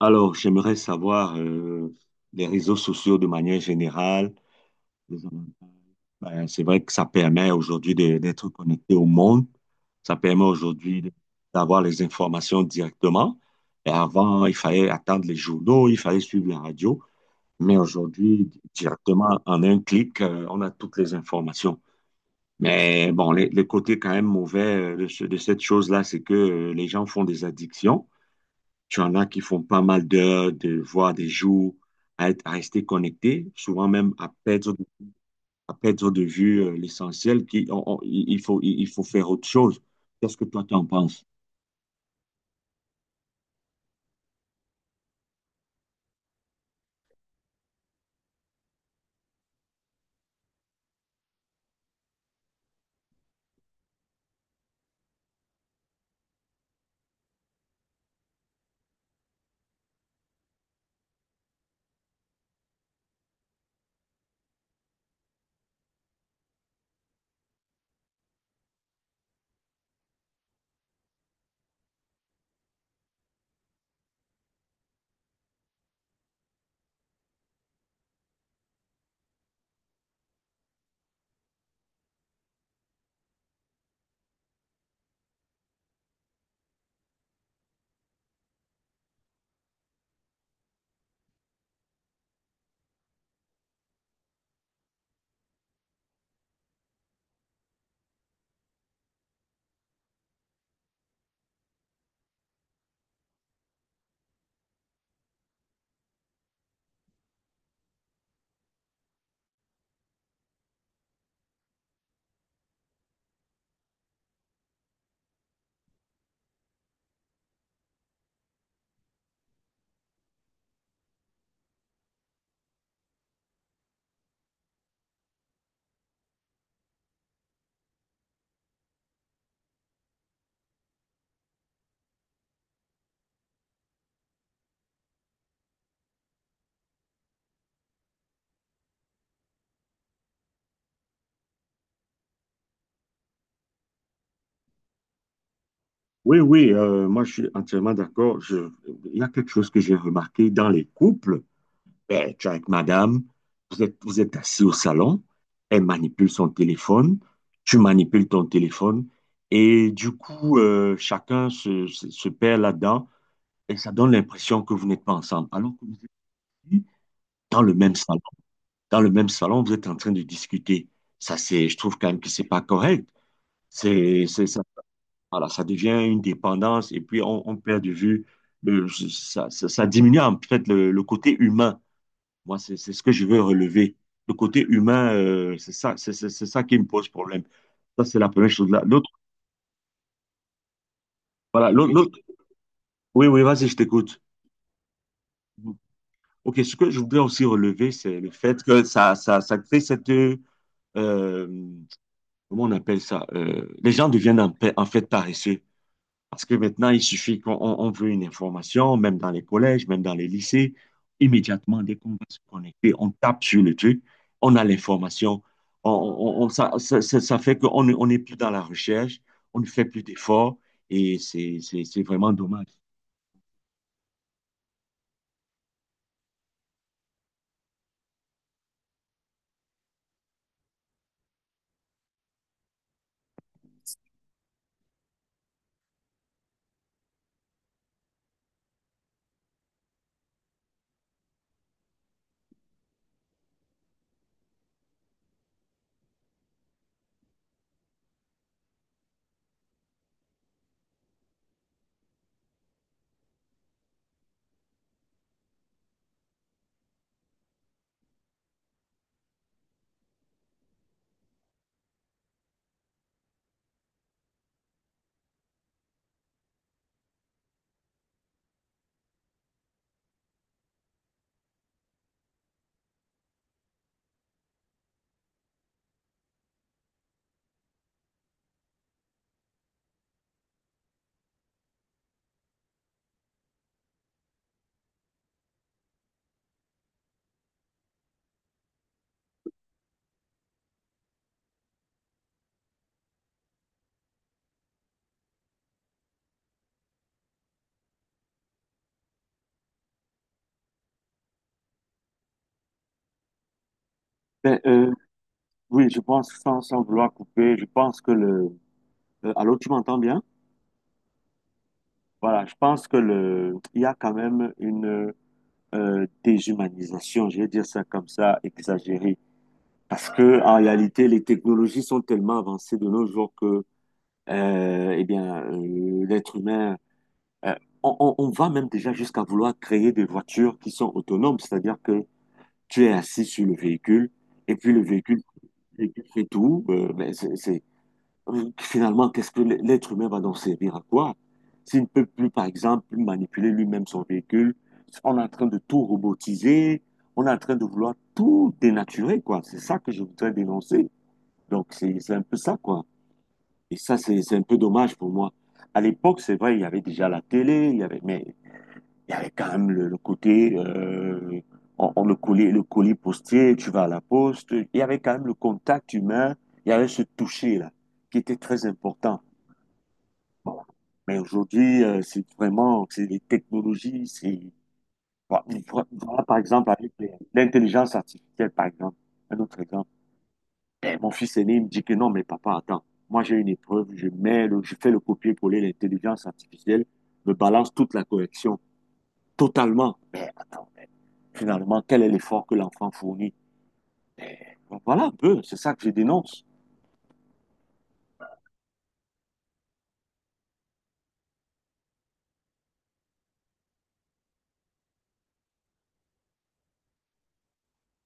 Alors, j'aimerais savoir les réseaux sociaux de manière générale. Les avantages. Ben, c'est vrai que ça permet aujourd'hui d'être connecté au monde. Ça permet aujourd'hui d'avoir les informations directement. Et avant, il fallait attendre les journaux, il fallait suivre la radio. Mais aujourd'hui, directement, en un clic, on a toutes les informations. Mais bon, les côtés quand même mauvais de cette chose-là, c'est que les gens font des addictions. Tu en as qui font pas mal d'heures, voire des jours à rester connectés, souvent même à perdre de vue l'essentiel. Qui, on- on- il il faut, il faut faire autre chose. Qu'est-ce que toi, tu en penses? Oui, oui, moi je suis entièrement d'accord. Il y a quelque chose que j'ai remarqué dans les couples. Ben, tu es avec madame, vous êtes assis au salon, elle manipule son téléphone, tu manipules ton téléphone, et du coup, chacun se perd là-dedans. Et ça donne l'impression que vous n'êtes pas ensemble, alors que vous êtes dans le même salon. Dans le même salon, vous êtes en train de discuter. Je trouve quand même que c'est pas correct. C'est, c'est, ça, voilà, ça devient une dépendance et puis on perd de vue, ça diminue en fait le côté humain. Moi, c'est ce que je veux relever. Le côté humain, c'est ça, c'est ça qui me pose problème. Ça, c'est la première chose là. L'autre, voilà, l'autre, l'autre- Oui, oui, vas-y, je t'écoute. OK, ce que je voudrais aussi relever, c'est le fait que ça crée cette... euh, Comment on appelle ça? Les gens deviennent en fait paresseux. Parce que maintenant, il suffit qu'on on veut une information, même dans les collèges, même dans les lycées. Immédiatement, dès qu'on va se connecter, on tape sur le truc, on a l'information. Ça fait qu'on ne- on n'est plus dans la recherche, on ne fait plus d'efforts et c'est vraiment dommage. Oui, euh, bien. Voilà, il y a euh, euh, parce que en réalité, les technologies sont tellement avancées de nos jours que, eh bien, l'être humain, euh, on va même déjà vouloir créer des voitures qui sont autonomes, c'est-à-dire que tu es assis sur le véhicule et puis le véhicule fait tout. Mais finalement, qu'est-ce que l'être humain va donc servir à quoi? S'il ne peut plus, par exemple, manipuler lui-même son véhicule, on est en train de tout robotiser, on est en train de vouloir tout dénaturer, quoi. C'est ça que je voudrais dénoncer. Donc, c'est un peu ça, quoi. Et ça, c'est un peu dommage pour moi. À l'époque, c'est vrai, il y avait déjà la télé, mais il y avait quand même le côté, on le collait, le colis postier, tu vas à la poste. Il y avait quand même le contact humain, il y avait ce toucher-là, qui était très important. Bon. Mais aujourd'hui, c'est les technologies, voilà, voilà, par exemple, avec l'intelligence artificielle, par exemple, un autre exemple. Et mon fils aîné, il me dit que non, mais papa, attends, moi j'ai une épreuve, je fais le copier-coller, l'intelligence artificielle me balance toute la correction, totalement. Mais attends, finalement, quel est l'effort que l'enfant fournit? Mais, voilà un peu, c'est ça que je dénonce.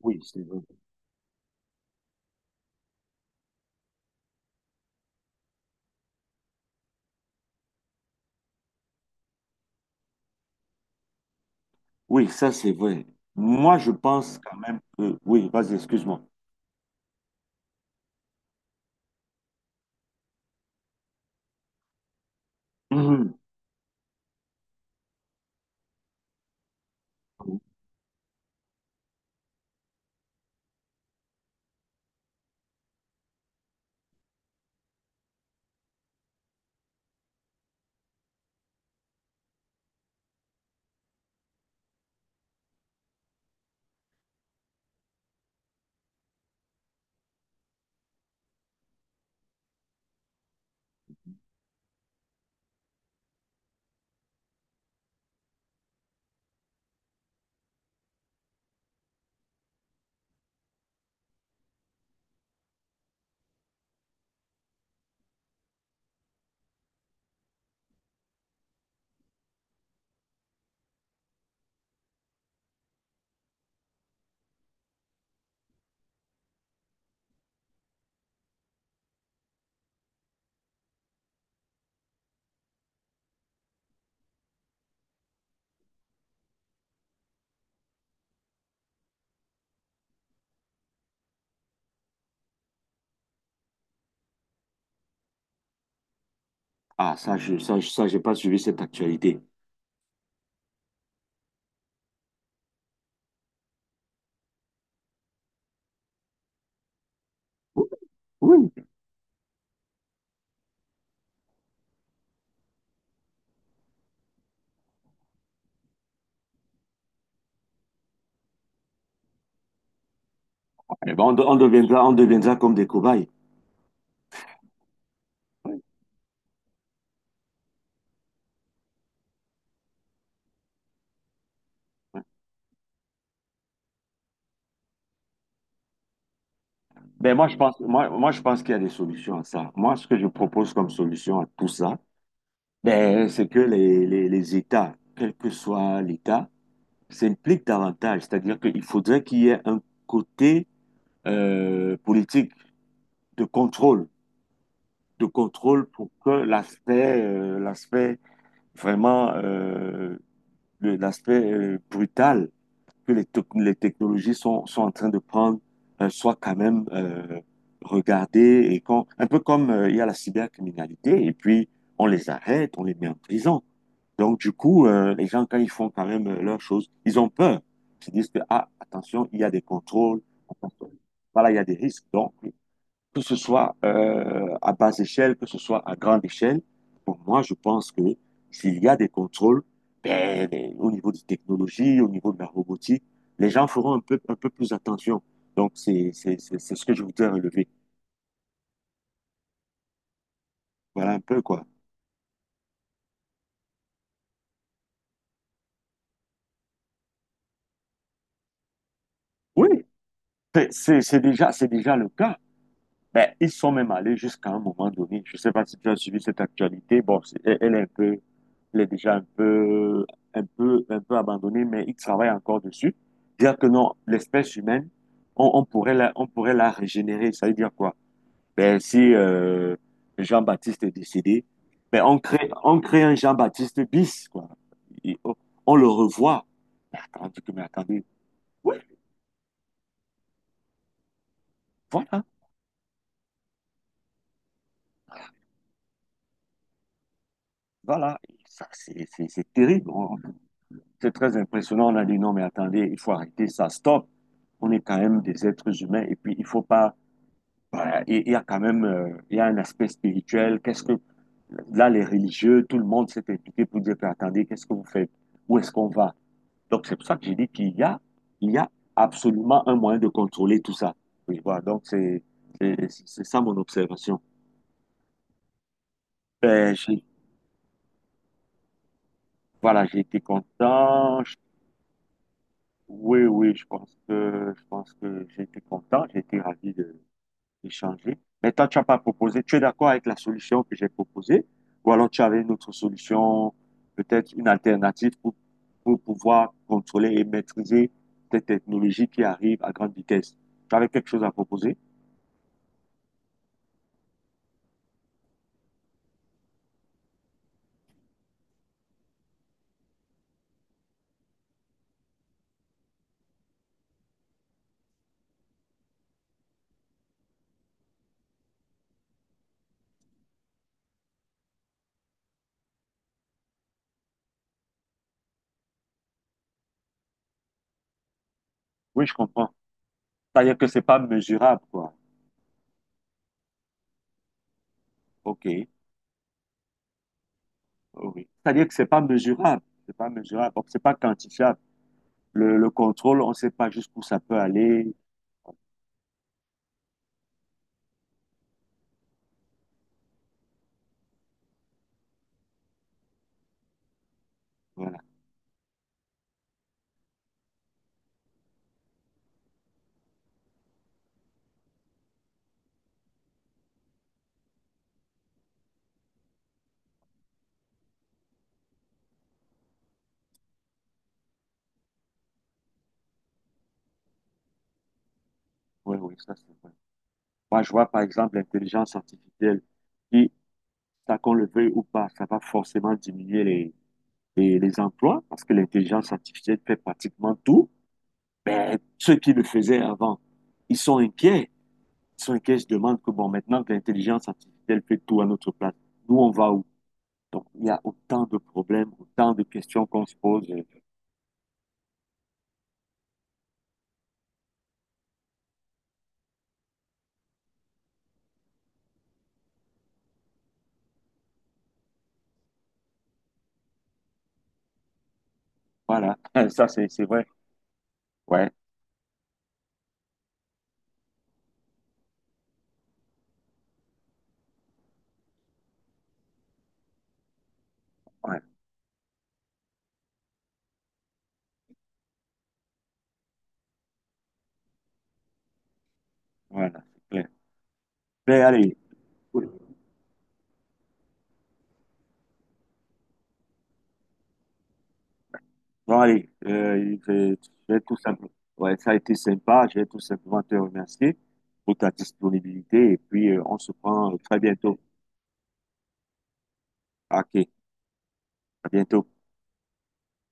Oui, c'est vrai. Oui, ça c'est vrai. Moi, je pense quand même que... Oui, vas-y, excuse-moi. Mhm. Ah, j'ai pas suivi cette actualité. Oui. Eh ben, on deviendra comme des cobayes. Ben moi, je pense qu'il y a des solutions à ça. Moi, ce que je propose comme solution à tout ça, ben, c'est que les États, quel que soit l'État, s'impliquent davantage. C'est-à-dire qu'il faudrait qu'il y ait un côté politique de contrôle, de contrôle pour que l'aspect, vraiment, euh, l'aspect brutal que les technologies sont en train de prendre soit quand même regardées et quand un peu comme il y a la cybercriminalité et puis on les arrête, on les met en prison. Donc du coup, les gens, quand ils font quand même leurs choses, ils ont peur. Ils disent que, ah, attention, il y a des contrôles, attention, voilà, il y a des risques. Donc, que ce soit à basse échelle, que ce soit à grande échelle, pour moi, je pense que s'il y a des contrôles, ben, au niveau des technologies, au niveau de la robotique, les gens feront un peu plus attention. Donc, c'est ce que je voudrais relever. Voilà un peu quoi. Oui, c'est déjà le cas. Ben, ils sont même allés jusqu'à un moment donné. Je ne sais pas si tu as suivi cette actualité. Bon, c'est- elle elle est un peu il est déjà un peu abandonné, mais il travaille encore dessus. Dire que non, l'espèce humaine, on pourrait on pourrait la régénérer. Ça veut dire quoi? Ben, si Jean-Baptiste est décédé, ben, on crée un Jean-Baptiste bis, quoi. Et on le revoit. Mais attendez, mais attendez. Oui, voilà, voilà. Ça, c'est terrible. C'est très impressionnant. On a dit non, mais attendez, il faut arrêter ça. Stop. On est quand même des êtres humains et puis il faut pas. Voilà, il y a un aspect spirituel. Qu'est-ce que Là, les religieux, tout le monde s'est impliqué pour dire que, attendez, qu'est-ce que vous faites? Où est-ce qu'on va? Donc c'est pour ça que j'ai dit qu'il y a absolument un moyen de contrôler tout ça. Oui, voilà, donc c'est ça mon observation. Ben, voilà, j'ai été content. Oui, oui, je pense que j'ai été content. J'ai été ravi de échanger. Mais toi, tu n'as pas proposé, tu es d'accord avec la solution que j'ai proposée, ou alors tu avais une autre solution, peut-être une alternative pour, pouvoir contrôler et maîtriser cette technologie qui arrive à grande vitesse. Tu avais quelque chose à proposer? Oui, je comprends. C'est-à-dire que c'est pas mesurable, quoi. OK. Oui. C'est-à-dire que c'est pas mesurable. C'est pas mesurable. Donc, c'est pas quantifiable. Le contrôle, on ne sait pas jusqu'où ça peut aller. Voilà. Oui, oui, ça c'est vrai. Moi, je vois par exemple l'intelligence artificielle qui ça qu'on le veuille ou pas, ça va forcément diminuer les emplois parce que l'intelligence artificielle fait pratiquement tout. Ben, ceux qui le faisaient avant, ils sont inquiets. Ils sont inquiets, je demande que bon, maintenant que l'intelligence artificielle fait tout à notre place, nous, on va où? Donc, il y a autant de problèmes, autant de questions qu'on se pose. Voilà, ça, c'est vrai. Ouais, ouais, voilà, c'est clair. Mais allez, Bon, allez, je vais tout simplement. Ouais, ça a été sympa. Je vais tout simplement te remercier pour ta disponibilité. Et puis, on se prend très bientôt. OK, à bientôt.